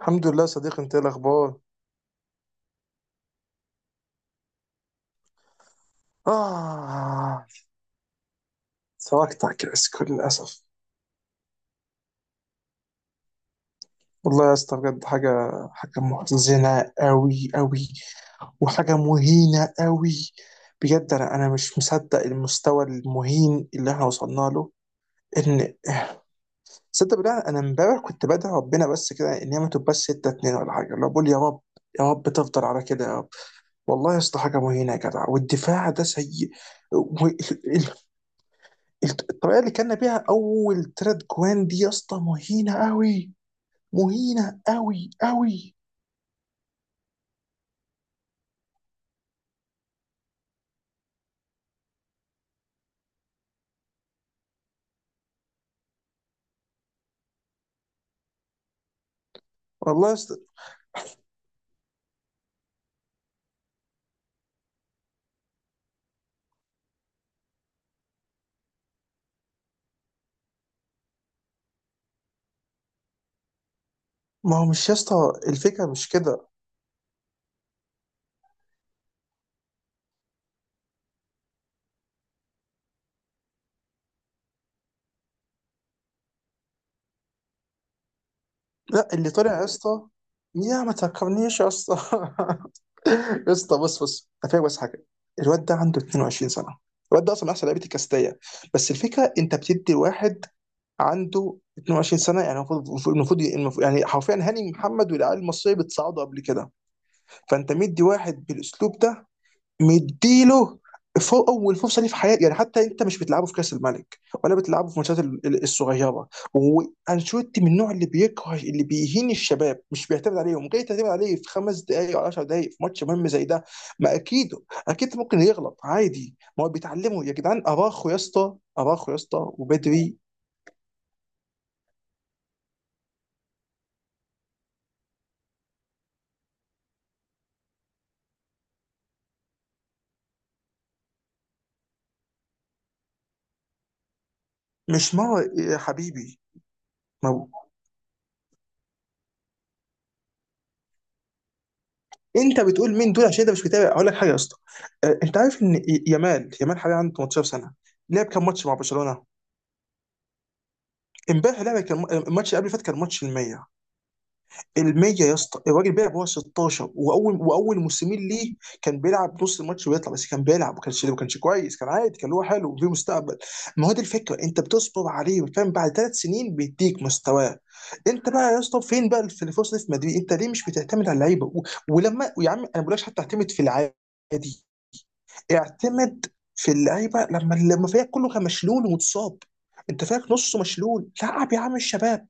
الحمد لله، صديقي. انت ايه الاخبار؟ اه. سواقتك يا اسكو للاسف. والله يا اسطى بجد حاجه، حاجه محزنه قوي قوي، وحاجه مهينه قوي. بجد انا مش مصدق المستوى المهين اللي احنا وصلنا له. ان صدق بالله، انا امبارح كنت بدعي ربنا بس كده ان هي ما تبقاش 6-2 ولا حاجه، لو بقول يا رب، يا رب تفضل على كده يا رب. والله يا اسطى حاجه مهينه يا جدع، والدفاع ده سيء. الطريقه اللي كنا بيها اول تلات جوان دي يا اسطى مهينه قوي، مهينه قوي قوي. والله يا اسطى. ما هو مش يا اسطى الفكره مش كده. لا، اللي طلع يا اسطى. يا ما تفكرنيش يا اسطى. يا اسطى، بص بص، انا فاهم بس حاجه. الواد ده عنده 22 سنه. الواد ده اصلا من احسن لعيبه الكاستيه. بس الفكره انت بتدي واحد عنده 22 سنه. يعني يعني حرفيا هاني محمد والعيال المصريه بتصعدوا قبل كده. فانت مدي واحد بالاسلوب ده، مديله فوق اول فرصه ليه في حياتي. يعني حتى انت مش بتلعبه في كاس الملك، ولا بتلعبه في الماتشات الصغيره، وانشيلوتي من النوع اللي بيكره، اللي بيهين الشباب، مش بيعتمد عليهم. جاي تعتمد عليه في خمس دقائق او 10 دقائق في ماتش مهم زي ده؟ ما اكيد. اكيد ممكن يغلط عادي، ما هو بيتعلمه يا جدعان. اراخو يا اسطى، اراخو يا اسطى وبدري. مش ما يا حبيبي. ما هو انت بتقول مين دول عشان انت مش متابع. اقول لك حاجه يا اسطى. آه، انت عارف ان يامال، يامال حاليا عنده 18 سنه. لعب كام ماتش مع برشلونه؟ امبارح لعبه، كان الماتش اللي قبل اللي فات كان ماتش ال100. ال100 يا اسطى. الراجل بيلعب وهو 16، واول موسمين ليه كان بيلعب نص الماتش ويطلع، بس كان بيلعب ما كانش كويس، كان عادي، كان هو حلو وفيه مستقبل. ما هو دي الفكره، انت بتصبر عليه فاهم، بعد ثلاث سنين بيديك مستواه. انت بقى يا اسطى فين بقى في الفرصه دي في مدريد؟ انت ليه مش بتعتمد على اللعيبه ولما يا عم انا ما بقولكش حتى اعتمد في العادي، اعتمد في اللعيبه لما فريقك كله كان مشلول ومتصاب. انت فريقك نصه مشلول، لعب يا عم الشباب.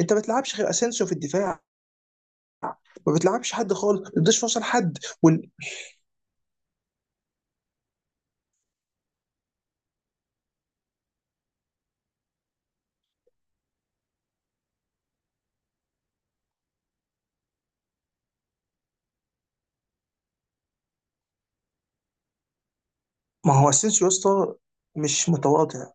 انت ما بتلعبش غير اسينسيو في الدفاع، ما بتلعبش حد خالص، ما بتديش فرصه لحد. ما هو اسينسيو يا اسطى مش متواضع.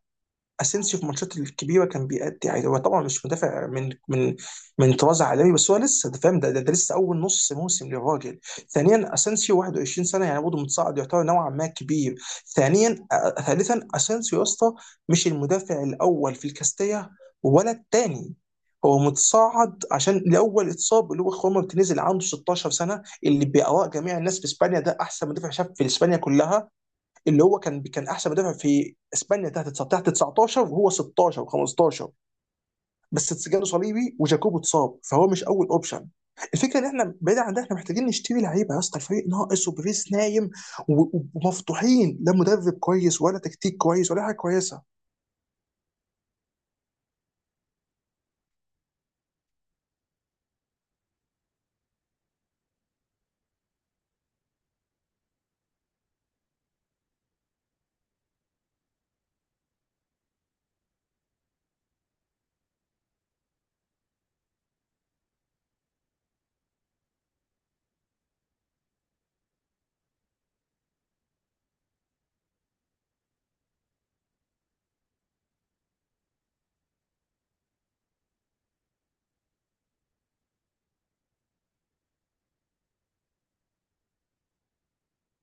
اسينسيو في الماتشات الكبيره كان بيأدي عادي. هو طبعا مش مدافع من طراز عالمي، بس هو لسه انت فاهم، ده لسه اول نص موسم للراجل. ثانيا اسينسيو 21 سنه، يعني برضه متصاعد يعتبر نوعا ما كبير. ثانيا آه، ثالثا اسينسيو يا اسطى مش المدافع الاول في الكاستيا ولا الثاني. هو متصاعد عشان لاول اتصاب، اللي هو خوان مارتينيز اللي عنده 16 سنه، اللي باراء جميع الناس في اسبانيا ده احسن مدافع شاب في اسبانيا كلها، اللي هو كان احسن مدافع في اسبانيا تحت 19، تحت 19 وهو 16 و15. بس جاله صليبي وجاكوبو اتصاب، فهو مش اول اوبشن. الفكره ان احنا بعيد عن ده، احنا محتاجين نشتري لعيبه يا اسطى. الفريق ناقص وبريس نايم ومفتوحين، لا مدرب كويس ولا تكتيك كويس ولا حاجه كويسه.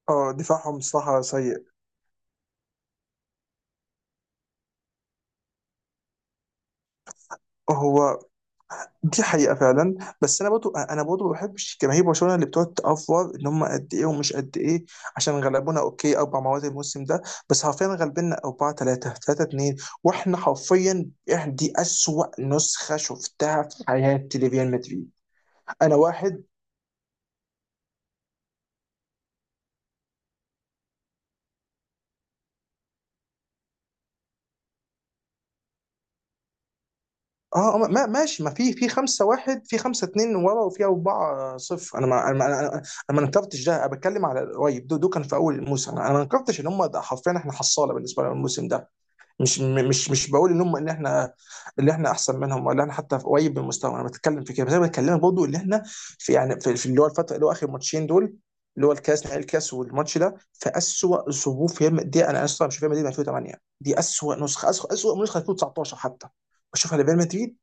اه، دفاعهم الصراحه سيء. هو دي حقيقة فعلا. بس انا برضو ما بحبش جماهير برشلونة اللي بتقعد تأفور ان هم قد ايه ومش قد ايه. عشان غلبونا، اوكي، اربع مرات الموسم ده، بس حرفيا غلبنا 4-3، 3-2. واحنا حرفيا، إحنا دي اسوأ نسخة شفتها في حياتي لريال مدريد. انا واحد. اه، آه، ما ماشي، ما في 5-1، في 5-2 ورا، وفي 4-0. أنا ما نكرتش ده، أنا بتكلم على قريب، ده كان في أول الموسم. أنا أنا ما نكرتش إن هم، ده حرفيا إحنا حصالة بالنسبة لنا الموسم ده. مش م- مش مش بقول ان هم، ان احنا اللي احنا احسن منهم، ولا احنا حتى في قريب من المستوى. انا بتكلم في كده، بس انا بتكلم برضه ان احنا في، يعني في, في اللي هو الفتره، اللي هو اخر ماتشين دول، اللي هو الكاس، نهائي الكاس والماتش ده، في اسوء ظروف ريال مدريد. انا اسف، مش ريال مدريد من 2008. دي اسوء نسخه، اسوء نسخه 2019 حتى بشوفها لريال مدريد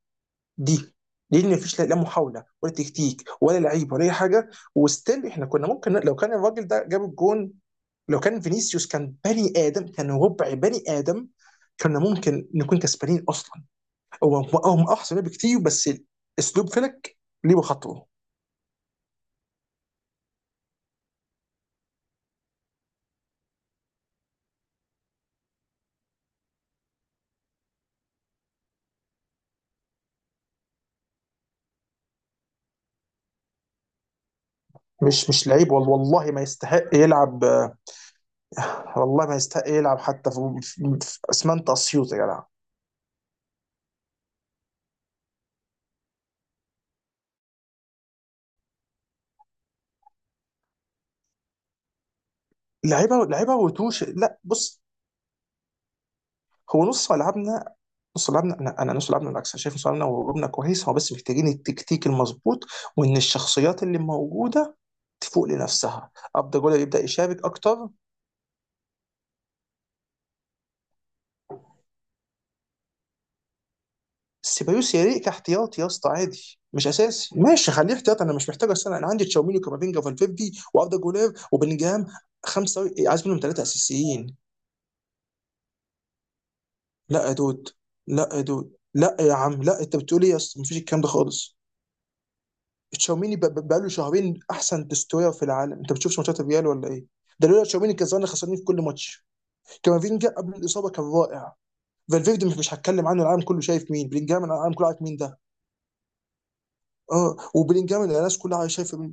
دي، لان مفيش لا محاوله ولا تكتيك ولا لعيب ولا اي حاجه. وستيل احنا كنا ممكن، لو كان الراجل ده جاب الجون، لو كان فينيسيوس كان بني ادم، كان ربع بني ادم، كنا ممكن نكون كسبانين اصلا. هو هم احسن لعيبه بكتير، بس اسلوب فلك ليه بخطوه. مش لعيب، والله والله ما يستحق يلعب، والله ما يستحق يلعب حتى في في اسمنت اسيوط يا جدع. لعيبه لعيبه وتوش، لا، بص. هو نص ملعبنا، نص ملعبنا، انا نص ملعبنا بالعكس. انا شايف نص ملعبنا وهجومنا كويس، هو بس محتاجين التكتيك المظبوط، وان الشخصيات اللي موجوده تفوق لنفسها. ابدا جولر يبدا يشارك اكتر. سيبايوس يليق كاحتياط يا اسطى، عادي مش اساسي، ماشي خليه احتياط. انا مش محتاج. السنه انا عندي تشاوميني وكامافينجا وفالفيردي واردا جولير وبلينجهام، خمسه عايز منهم ثلاثه اساسيين. لا يا دود، لا يا دود، لا يا عم، لا، انت بتقول ايه يا اسطى؟ مفيش الكلام ده خالص. تشاوميني بقاله شهرين احسن تستوير في العالم. انت بتشوفش ماتشات الريال ولا ايه؟ ده لولا تشاوميني كان زمان خسرانين في كل ماتش. كامافينجا قبل الاصابه كان رائع. فالفيردي مش هتكلم عنه، العالم كله شايف. مين بلينجهام؟ العالم كله عارف مين ده. اه، وبلينجهام الناس كلها شايفه.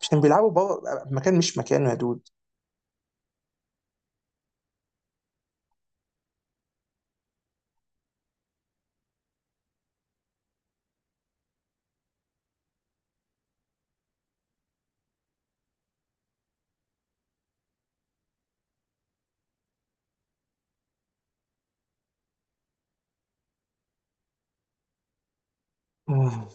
مش كانوا بيلعبوا بره مكان، مش مكانه يا دود. مم.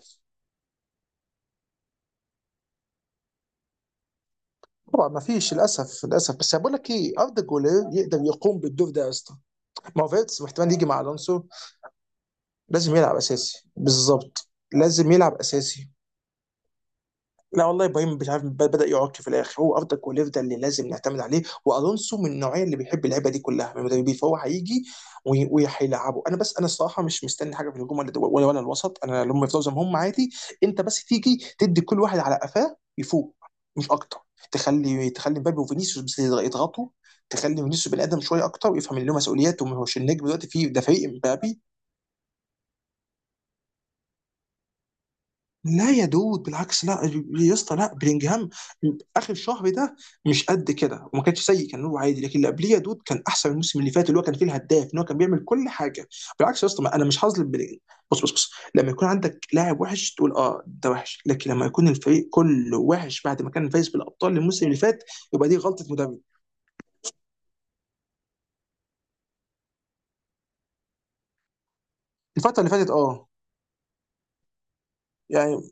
طبعا ما فيش، للاسف للاسف. بس بقول لك ايه، اردا جولير يقدر يقوم بالدور ده يا اسطى. ما هو فيتس واحتمال يجي مع الونسو لازم يلعب اساسي، بالظبط لازم يلعب اساسي. لا والله ابراهيم مش عارف، بدا يعك في الاخر. هو افضل كولير، ده اللي لازم نعتمد عليه. والونسو من النوعيه اللي بيحب اللعبه دي كلها من المدربين، فهو هيجي وهيلعبه. انا بس، انا الصراحه مش مستني حاجه في الهجوم ولا الوسط. انا لما يفضلوا زي ما هم عادي، انت بس تيجي تدي كل واحد على قفاه يفوق، مش اكتر. تخلي مبابي وفينيسيوس بس يضغطوا، تخلي فينيسيوس بني ادم شويه اكتر، ويفهم ان له مسؤوليات وما هوش النجم دلوقتي في ده، فريق مبابي. لا يا دود، بالعكس، لا، يا اسطى لا. بلينجهام اخر شهر ده مش قد كده، وما كانش سيء، كان هو عادي. لكن اللي قبليه يا دود كان احسن من الموسم اللي فات، اللي هو كان فيه الهداف ان هو كان بيعمل كل حاجه. بالعكس يا اسطى، انا مش هظلم بلينج. بص بص بص، لما يكون عندك لاعب وحش تقول اه ده وحش، لكن لما يكون الفريق كله وحش بعد ما كان فايز بالابطال الموسم اللي فات يبقى دي غلطه مدرب الفتره اللي فاتت. اه، يعني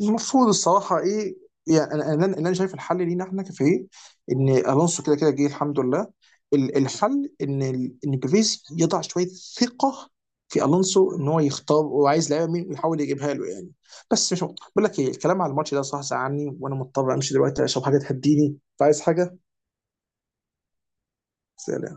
المفروض الصراحه ايه؟ يعني انا انا أنا شايف الحل لينا احنا كفريق، ان الونسو كده كده جه الحمد لله. الحل ان ان بيفيز يضع شويه ثقه في الونسو، ان هو يختار هو عايز لعيبه مين ويحاول يجيبها له يعني. بس مش مقطع. بقول لك ايه، الكلام على الماتش ده صح ساعني، وانا مضطر امشي دلوقتي اشرب حاجه تهديني، فعايز حاجه. سلام.